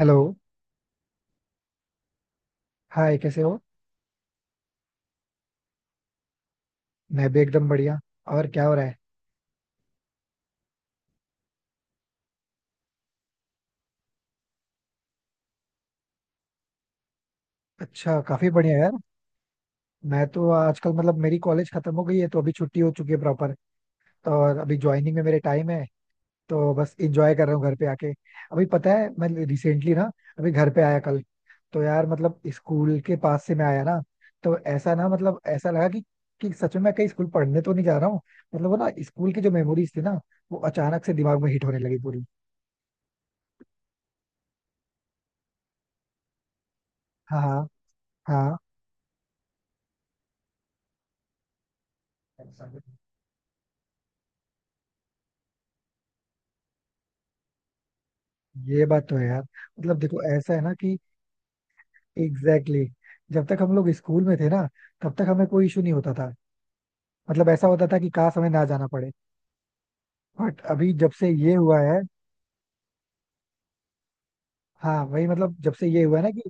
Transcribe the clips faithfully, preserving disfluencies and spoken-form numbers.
Hello. Hi, कैसे हो? मैं भी एकदम बढ़िया। और क्या हो रहा है? अच्छा, काफी बढ़िया यार। मैं तो आजकल मतलब मेरी कॉलेज खत्म हो गई है, तो अभी छुट्टी हो चुकी है प्रॉपर। तो और अभी ज्वाइनिंग में मेरे टाइम है। तो बस इंजॉय कर रहा हूँ घर पे आके। अभी पता है मैं रिसेंटली ना, अभी घर पे आया कल। तो यार मतलब स्कूल के पास से मैं आया ना, तो ऐसा ना मतलब ऐसा लगा कि कि सच में मैं कहीं स्कूल पढ़ने तो नहीं जा रहा हूँ। मतलब वो ना स्कूल की जो मेमोरीज थी ना, वो अचानक से दिमाग में हिट होने लगी पूरी। हाँ, हाँ, हाँ, ये बात तो है यार। मतलब देखो ऐसा है ना कि एग्जैक्टली exactly, जब तक हम लोग स्कूल में थे ना, तब तक हमें कोई इशू नहीं होता था। मतलब ऐसा होता था कि काश हमें ना जाना पड़े। बट अभी जब से ये हुआ है, हाँ वही, मतलब जब से ये हुआ है ना कि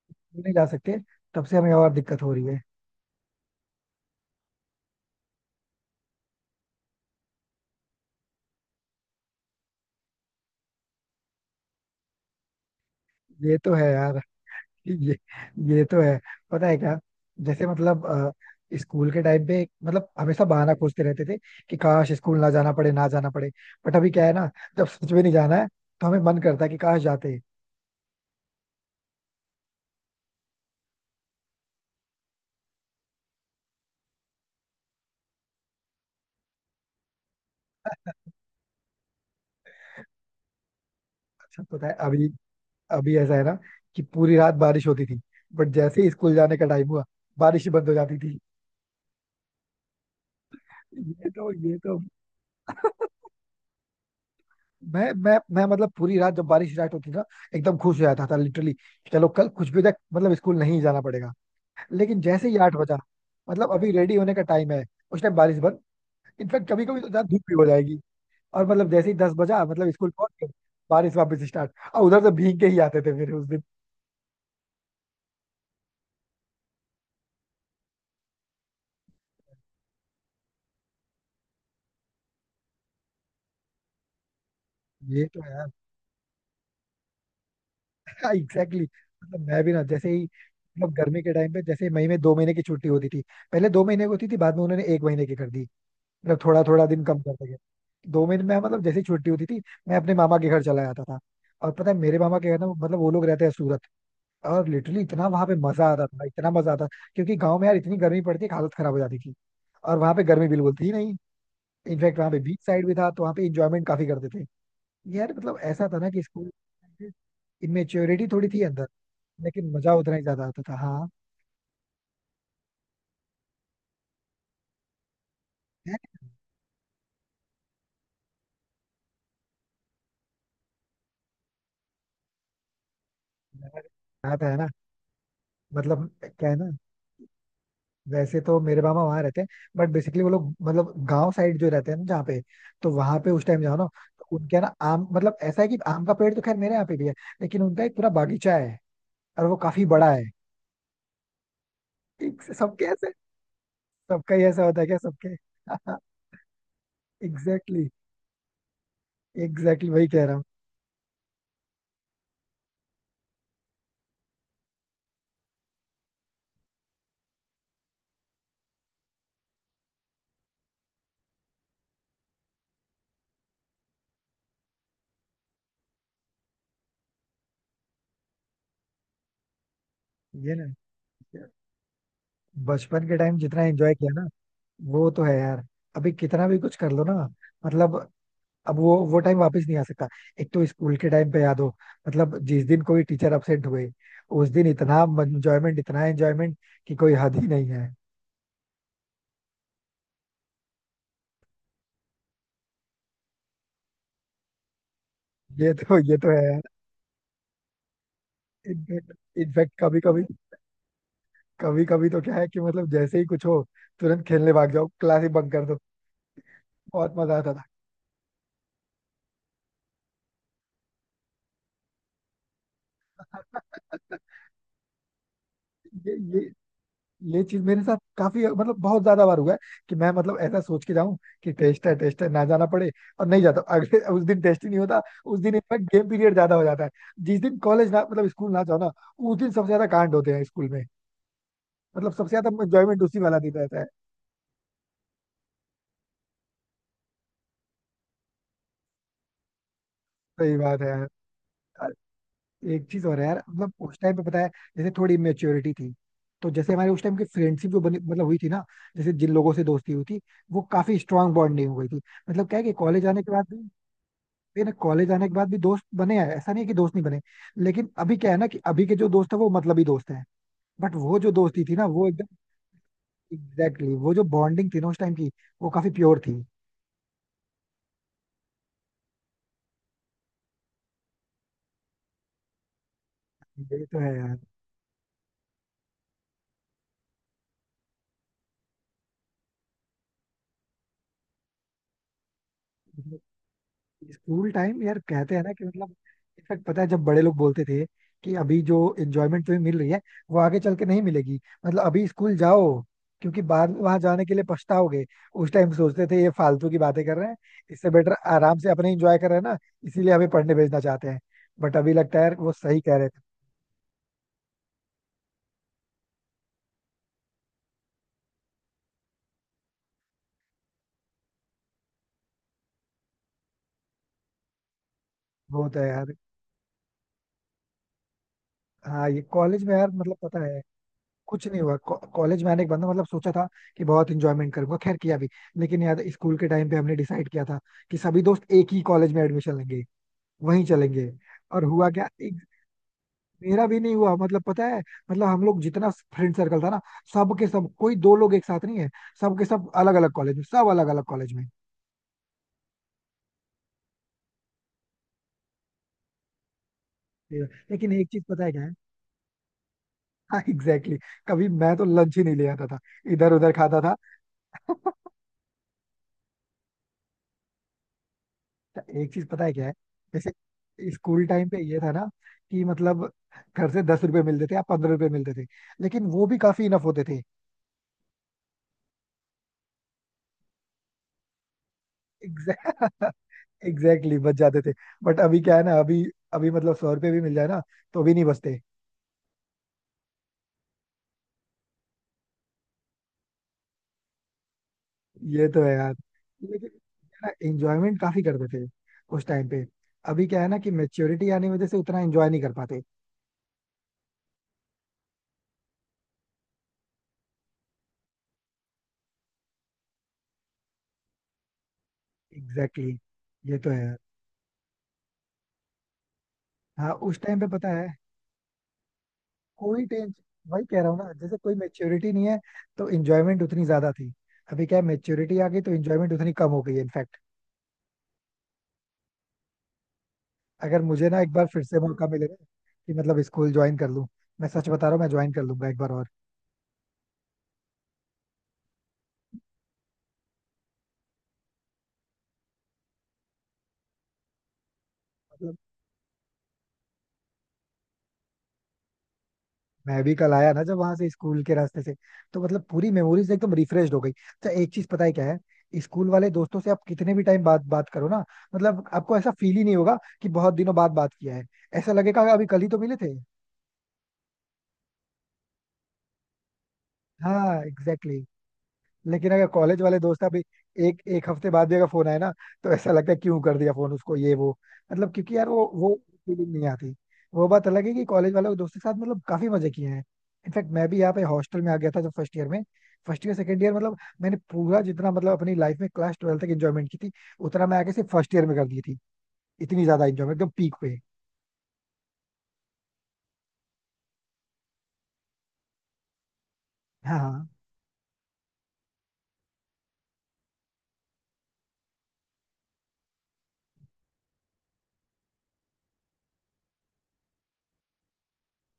स्कूल नहीं जा सकते, तब से हमें और दिक्कत हो रही है। ये तो है यार। ये ये तो है। पता है क्या? जैसे मतलब अ, स्कूल के टाइम पे मतलब हमेशा बहाना खोजते रहते थे कि काश स्कूल ना जाना पड़े ना जाना पड़े। बट अभी क्या है ना, जब सच में नहीं जाना है तो हमें मन करता है कि काश जाते। अच्छा पता है अभी, अभी ऐसा है ना कि पूरी रात बारिश होती थी, बट जैसे ही स्कूल जाने का टाइम हुआ, बारिश ही बंद हो जाती थी। ये तो ये तो। मैं मैं मैं मतलब पूरी रात जब बारिश स्टार्ट होती थी ना, एकदम खुश हो जाता था लिटरली। चलो कल कुछ भी हो जाए, मतलब स्कूल नहीं जाना पड़ेगा। लेकिन जैसे ही आठ बजा, मतलब अभी रेडी होने का टाइम है, उस टाइम बारिश बंद। इनफैक्ट कभी कभी तो ज्यादा धूप भी हो जाएगी। और मतलब जैसे ही दस बजा मतलब स्कूल पहुंच गए, बारिश वापस स्टार्ट, और उधर से भीग के ही आते थे फिर उस दिन। ये तो है। एग्जैक्टली मतलब मैं भी ना, जैसे ही मतलब गर्मी के टाइम पे, जैसे मई में दो महीने की छुट्टी होती थी। पहले दो महीने की होती थी, बाद में उन्होंने एक महीने की कर दी। मतलब थोड़ा थोड़ा दिन कम करते गए। दो महीने में मतलब जैसे ही छुट्टी होती थी, मैं अपने मामा के घर चला जाता था। और पता है मेरे मामा के घर ना, मतलब वो लोग रहते हैं सूरत। और लिटरली इतना वहां पे मजा आता था, इतना मजा आता था। क्योंकि गाँव में यार इतनी गर्मी पड़ती कि हालत खराब हो जाती थी, और वहां पे गर्मी बिल्कुल थी नहीं। इनफैक्ट वहां पे बीच साइड भी था, तो वहां पे इंजॉयमेंट काफी करते थे। यार मतलब ऐसा था ना कि स्कूल इमेच्योरिटी थोड़ी थी अंदर, लेकिन मजा उतना ही ज्यादा आता था। हाँ, है। बात है ना। मतलब क्या है ना, वैसे तो मेरे मामा वहां रहते हैं, बट बेसिकली वो लोग मतलब गांव साइड जो रहते हैं ना जहाँ पे, तो वहां पे उस टाइम जाओ ना, तो उनके यहाँ ना आम मतलब ऐसा है कि आम का पेड़ तो खैर मेरे यहाँ पे भी है, लेकिन उनका एक पूरा बागीचा है और वो काफी बड़ा है। एक- सबके ऐसे, सबका ही ऐसा होता है क्या सबके? एग्जैक्टली, एग्जैक्टली वही कह रहा हूँ। ये ना, बचपन के टाइम जितना एंजॉय किया ना, वो तो है यार। अभी कितना भी कुछ कर लो ना, मतलब अब वो वो टाइम वापस नहीं आ सकता। एक तो स्कूल के टाइम पे याद हो, मतलब जिस दिन कोई टीचर अपसेंट हुए, उस दिन इतना एंजॉयमेंट इतना एंजॉयमेंट कि कोई हद ही नहीं है। ये तो ये तो है यार। इनफैक्ट इनफैक्ट कभी कभी कभी कभी तो क्या है कि मतलब जैसे ही कुछ हो, तुरंत खेलने भाग जाओ, क्लास ही बंक कर दो। बहुत मजा आता था। ये ये ये चीज मेरे साथ काफी मतलब बहुत ज्यादा बार हुआ है कि मैं मतलब ऐसा सोच के जाऊं कि टेस्ट है, टेस्ट है ना जाना पड़े, और नहीं जाता, अगले उस दिन टेस्ट ही नहीं होता। उस दिन इनफैक्ट गेम पीरियड ज्यादा हो जाता है। जिस दिन कॉलेज ना मतलब स्कूल ना जाओ ना, उस दिन सबसे ज्यादा कांड होते हैं स्कूल में। मतलब सबसे ज्यादा एंजॉयमेंट उसी वाला दिन रहता है। सही बात है यार। और एक चीज और है यार मतलब उस टाइम पे पता है, जैसे थोड़ी इमेच्योरिटी थी, तो जैसे हमारे उस टाइम की फ्रेंडशिप जो बनी मतलब हुई थी ना, जैसे जिन लोगों से दोस्ती हुई थी, वो काफी स्ट्रांग बॉन्डिंग हो गई थी। मतलब क्या है कि कॉलेज आने के बाद, फिर कॉलेज आने के बाद भी दोस्त बने हैं, ऐसा नहीं है कि दोस्त नहीं बने, लेकिन अभी क्या है ना कि अभी के जो दोस्त है वो मतलबी दोस्त है। बट वो जो दोस्ती थी ना वो एकदम एग्जैक्टली exactly, वो जो बॉन्डिंग थी ना उस टाइम की, वो काफी प्योर थी। ये तो है यार। मतलब स्कूल टाइम यार, कहते हैं ना कि मतलब इनफैक्ट पता है जब बड़े लोग बोलते थे कि अभी जो एंजॉयमेंट तुम्हें मिल रही है वो आगे चल के नहीं मिलेगी, मतलब अभी स्कूल जाओ, क्योंकि बाद में वहां जाने के लिए पछताओगे। उस टाइम सोचते थे ये फालतू की बातें कर रहे हैं, इससे बेटर आराम से अपने एंजॉय कर रहे हैं ना, इसीलिए हमें पढ़ने भेजना चाहते हैं। बट अभी लगता है यार वो सही कह रहे थे। वो तो है यार। हाँ, ये कॉलेज में यार मतलब पता है, कुछ नहीं हुआ। कॉलेज में आने के बाद ना मतलब सोचा था कि बहुत इंजॉयमेंट करूंगा, खैर किया भी। लेकिन यार स्कूल के टाइम पे हमने डिसाइड किया था कि सभी दोस्त एक ही कॉलेज में एडमिशन लेंगे, वहीं चलेंगे। और हुआ क्या? एक, मेरा भी नहीं हुआ मतलब पता है मतलब हम लोग जितना फ्रेंड सर्कल था ना, सब के सब, कोई दो लोग एक साथ नहीं है, सब के सब अलग अलग कॉलेज में, सब अलग अलग कॉलेज में। लेकिन एक चीज पता है क्या है, हाँ एग्जैक्टली exactly। कभी मैं तो लंच ही नहीं ले आता था, इधर उधर खाता था। एक चीज पता है क्या है, जैसे स्कूल टाइम पे ये था ना कि मतलब घर से दस रुपए मिलते थे या पंद्रह रुपए मिलते थे, लेकिन वो भी काफी इनफ होते थे। एग्जैक्टली बच जाते थे। बट अभी क्या है ना, अभी अभी मतलब सौ रुपए भी मिल जाए ना, तो भी नहीं बचते। ये तो है यार। लेकिन ना एंजॉयमेंट काफी करते थे उस टाइम पे, अभी क्या है ना कि मेच्योरिटी आने की वजह से उतना एंजॉय नहीं कर पाते। एग्जैक्टली exactly, ये तो है यार। हाँ, उस टाइम पे पता है कोई टेंशन, वही कह रहा हूँ ना जैसे कोई मेच्योरिटी नहीं है, तो इंजॉयमेंट उतनी ज्यादा थी। अभी क्या है, मेच्योरिटी आ गई तो इंजॉयमेंट उतनी कम हो गई है इनफैक्ट। अगर मुझे ना एक बार फिर से मौका मिले ना, कि मतलब स्कूल ज्वाइन कर लूँ, मैं सच बता रहा हूँ मैं ज्वाइन कर लूंगा एक बार और। मतलब मैं भी कल आया ना, जब वहां से स्कूल के रास्ते से, तो मतलब पूरी मेमोरीज एकदम रिफ्रेश हो गई। अच्छा एक चीज पता है क्या है, स्कूल वाले दोस्तों से आप कितने भी टाइम बाद बात करो ना, मतलब आपको ऐसा फील ही नहीं होगा कि बहुत दिनों बाद बात किया है, ऐसा लगेगा कि अभी कल ही तो मिले थे। हाँ, एग्जैक्टली। लेकिन अगर कॉलेज वाले दोस्त, अभी एक एक हफ्ते बाद भी अगर फोन आए ना, तो ऐसा लगता है क्यों कर दिया फोन उसको ये वो। मतलब क्योंकि यार वो वो फीलिंग नहीं आती। वो बात अलग है कि कॉलेज वालों के दोस्तों के साथ मतलब काफी मजे किए हैं। इनफैक्ट मैं भी यहाँ पे हॉस्टल में आ गया था जब फर्स्ट ईयर में, फर्स्ट ईयर सेकंड ईयर मतलब मैंने पूरा जितना मतलब अपनी लाइफ में क्लास ट्वेल्थ तक एंजॉयमेंट की थी, उतना मैं आके सिर्फ फर्स्ट ईयर में कर दी थी। इतनी ज्यादा एंजॉयमेंट एकदम पीक पे। हाँ, हाँ,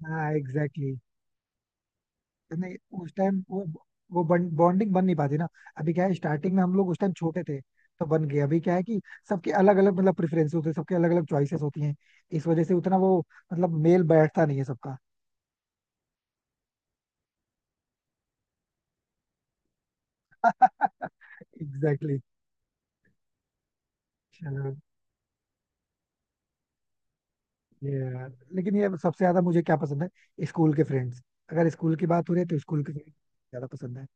हाँ, एग्जैक्टली। नहीं, उस टाइम वो वो बॉन्डिंग बन नहीं पाती ना। अभी क्या है, स्टार्टिंग में हम लोग उस टाइम छोटे थे तो बन गए। अभी क्या है कि सबके अलग अलग मतलब प्रेफरेंस होते हैं, सबके अलग अलग चॉइसेस होती हैं, इस वजह से उतना वो मतलब मेल बैठता नहीं है सबका। Exactly exactly। चलो, ये यार, लेकिन ये सबसे ज्यादा मुझे क्या पसंद है? स्कूल के फ्रेंड्स। अगर स्कूल की बात हो रही है तो स्कूल के फ्रेंड्स ज्यादा पसंद है।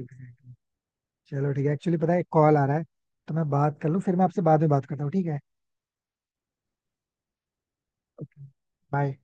एग्जैक्टली। चलो ठीक है, एक्चुअली पता है कॉल आ रहा है, तो मैं बात कर लूँ, फिर मैं आपसे बाद में बात करता हूँ, ठीक है। ओके। बाय।